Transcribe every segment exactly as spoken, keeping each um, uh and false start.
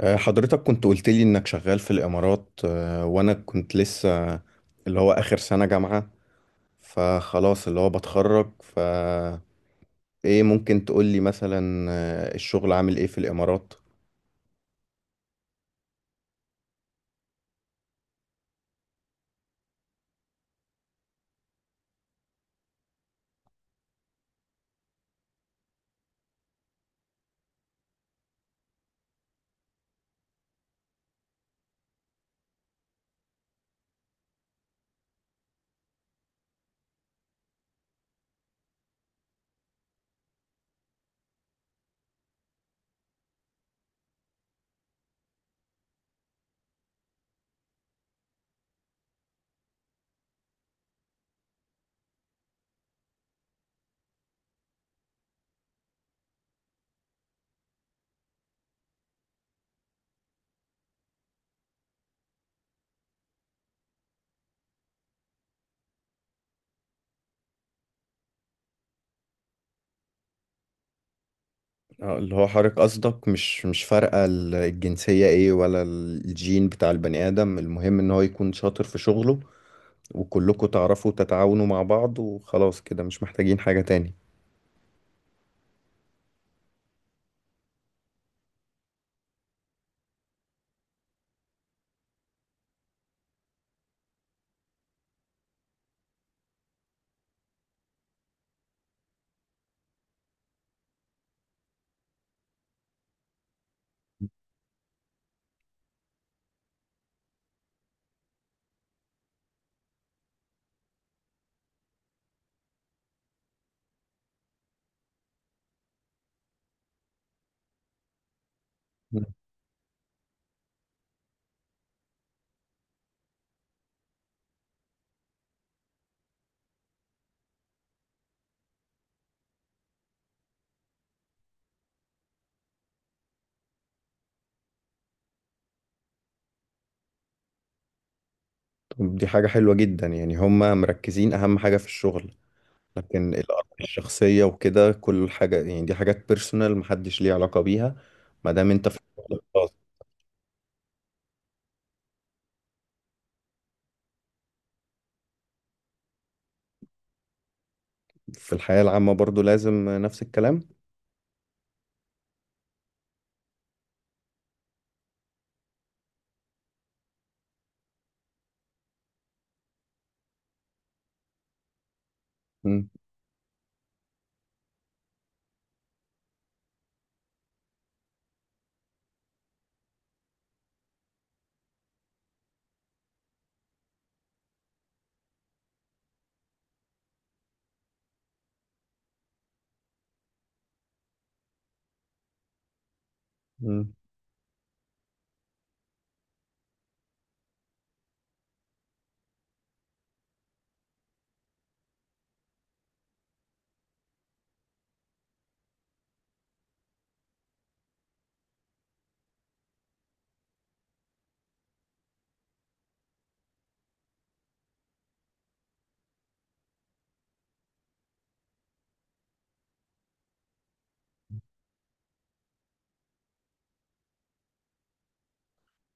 آه، حضرتك كنت قلت لي انك شغال في الامارات، آه، وانا كنت لسه اللي هو اخر سنة جامعة، فخلاص اللي هو بتخرج ف ايه، ممكن تقول لي مثلا آه، الشغل عامل ايه في الامارات؟ آه، اللي هو حضرتك قصدك مش مش فارقة ال- الجنسية ايه ولا الجين بتاع البني ادم، المهم ان هو يكون شاطر في شغله، وكلكم تعرفوا تتعاونوا مع بعض، وخلاص كده مش محتاجين حاجة تاني. طب دي حاجة حلوة جدا، يعني هما مركزين أهم حاجة في الشغل، لكن الآراء الشخصية وكده كل حاجة يعني دي حاجات بيرسونال محدش ليه علاقة بيها ما دام انت في الشغل الخاص. في الحياة العامة برضو لازم نفس الكلام. مم. مم.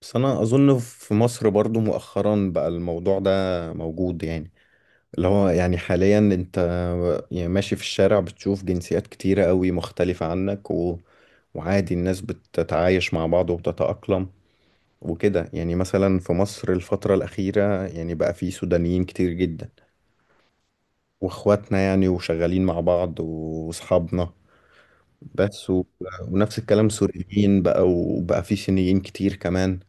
بس أنا أظن في مصر برضو مؤخرا بقى الموضوع ده موجود يعني، اللي هو يعني حاليا أنت يعني ماشي في الشارع بتشوف جنسيات كتيرة قوي مختلفة عنك، و... وعادي الناس بتتعايش مع بعض وبتتأقلم وكده، يعني مثلا في مصر الفترة الأخيرة يعني بقى في سودانيين كتير جدا، واخواتنا يعني وشغالين مع بعض واصحابنا، بس و... ونفس الكلام سوريين، بقى وبقى في صينيين كتير كمان،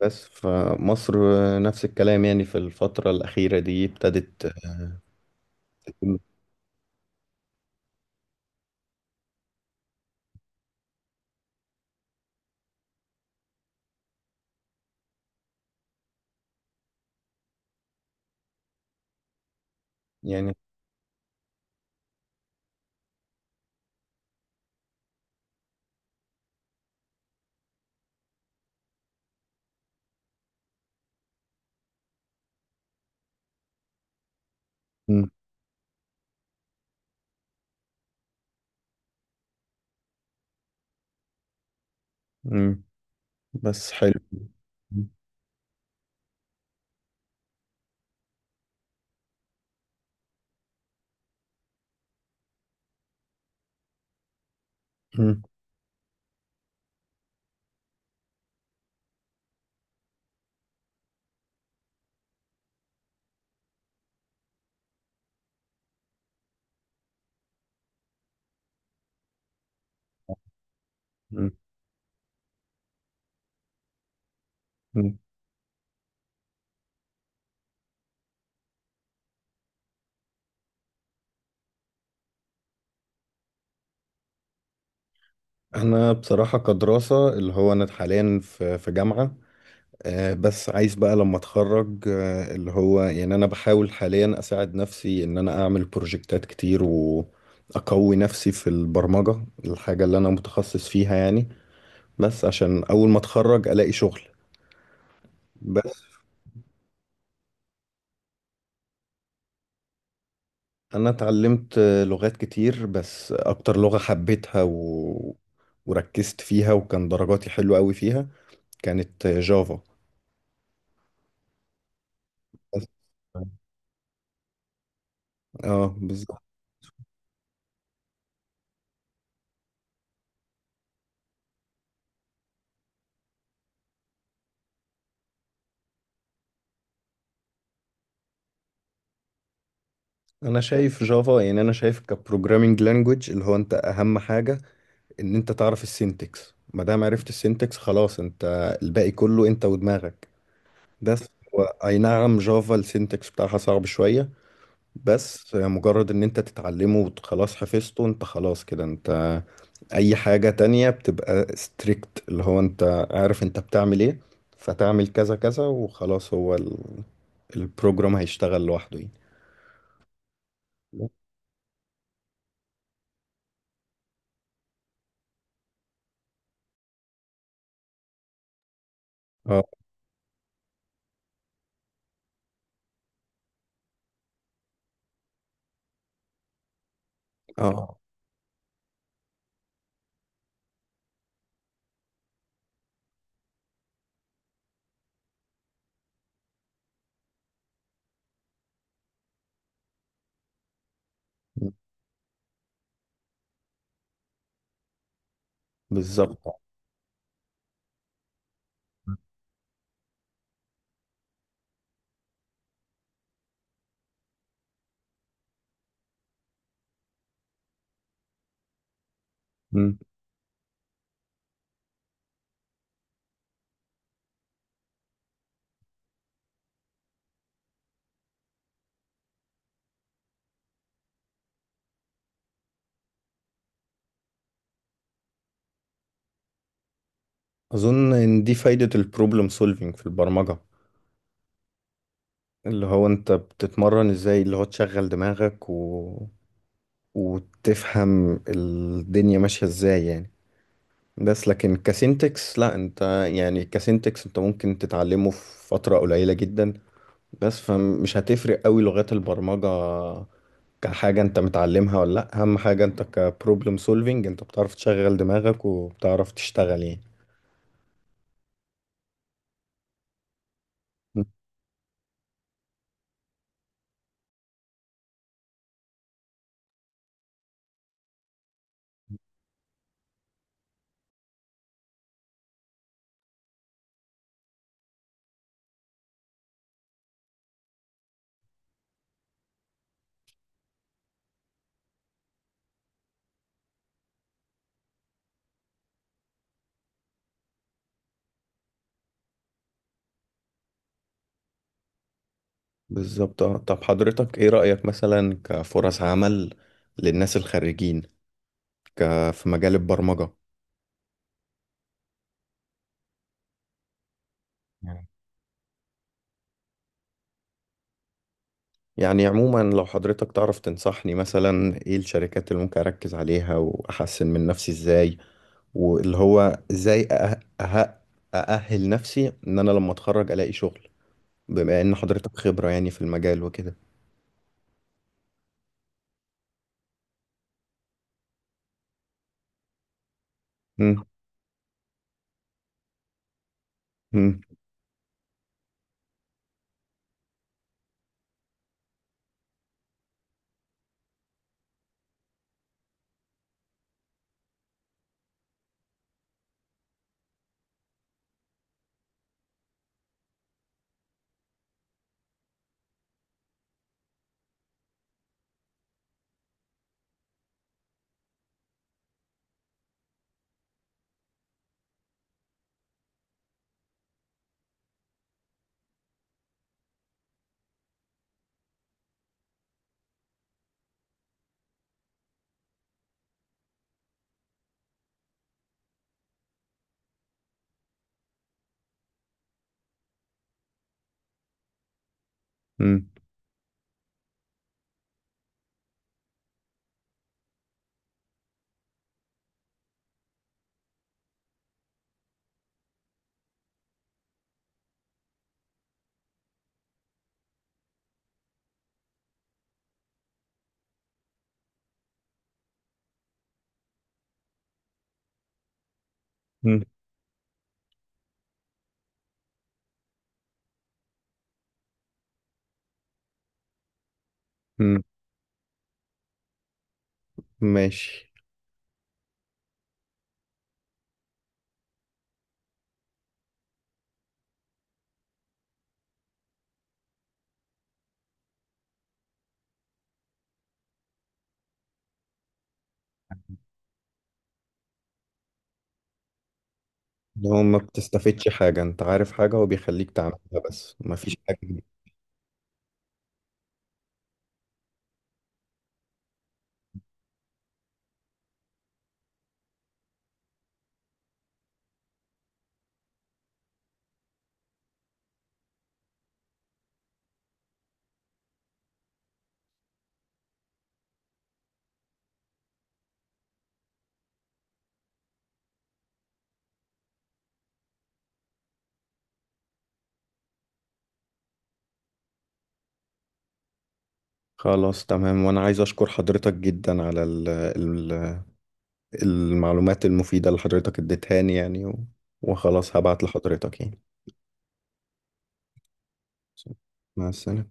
بس فمصر نفس الكلام يعني في الفترة الأخيرة دي ابتدت يعني. م- م- بس حلو. م- م- م- أنا بصراحة كدراسة اللي هو أنا حاليا في في جامعة، آه، بس عايز بقى لما اتخرج، آه، اللي هو يعني انا بحاول حاليا اساعد نفسي ان انا اعمل بروجكتات كتير واقوي نفسي في البرمجة، الحاجة اللي انا متخصص فيها يعني، بس عشان اول ما اتخرج الاقي شغل. بس انا اتعلمت آه، لغات كتير، بس اكتر لغة حبيتها و... وركزت فيها وكان درجاتي حلوة قوي فيها، كانت آه، جافا. بس اه، آه، بالظبط. انا شايف جافا، يعني انا شايف كبروجرامينج لانجويج اللي هو انت اهم حاجه ان انت تعرف السينتكس، ما دام عرفت السينتكس خلاص، انت الباقي كله انت ودماغك. بس هو اي نعم جافا السينتكس بتاعها صعب شويه، بس مجرد ان انت تتعلمه وخلاص حفظته انت، خلاص كده انت اي حاجه تانية بتبقى ستريكت، اللي هو انت عارف انت بتعمل ايه، فتعمل كذا كذا وخلاص، هو ال- البروجرام هيشتغل لوحده يعني. اه، اه، بالظبط. مم. أظن إن دي فايدة البروبلم سولفينج في البرمجة، اللي هو أنت بتتمرن إزاي، اللي هو تشغل دماغك و... وتفهم الدنيا ماشية إزاي يعني. بس لكن كسينتكس لا، أنت يعني كسينتكس أنت ممكن تتعلمه في فترة قليلة جدا، بس فمش هتفرق قوي لغات البرمجة كحاجة أنت متعلمها ولا لأ، أهم حاجة أنت كبروبلم سولفينج أنت بتعرف تشغل دماغك وبتعرف تشتغل يعني. بالظبط. آه. طب حضرتك ايه رأيك مثلا كفرص عمل للناس الخريجين، ك... في مجال البرمجة؟ مم. يعني عموما لو حضرتك تعرف تنصحني مثلا ايه الشركات اللي ممكن اركز عليها واحسن من نفسي ازاي، واللي هو ازاي أه... أه... أأهل نفسي ان انا لما اتخرج الاقي شغل، بما ان حضرتك خبرة يعني في المجال وكده. مم، مم، مم، مم، مم. ماشي. لو ما بتستفدش حاجة، انت عارف حاجة وبيخليك تعملها بس ما فيش حاجة. خلاص تمام، وانا عايز اشكر حضرتك جدا على ال- ال- المعلومات المفيدة اللي حضرتك اديتهاني يعني، و- وخلاص هبعت لحضرتك يعني. مع السلامة.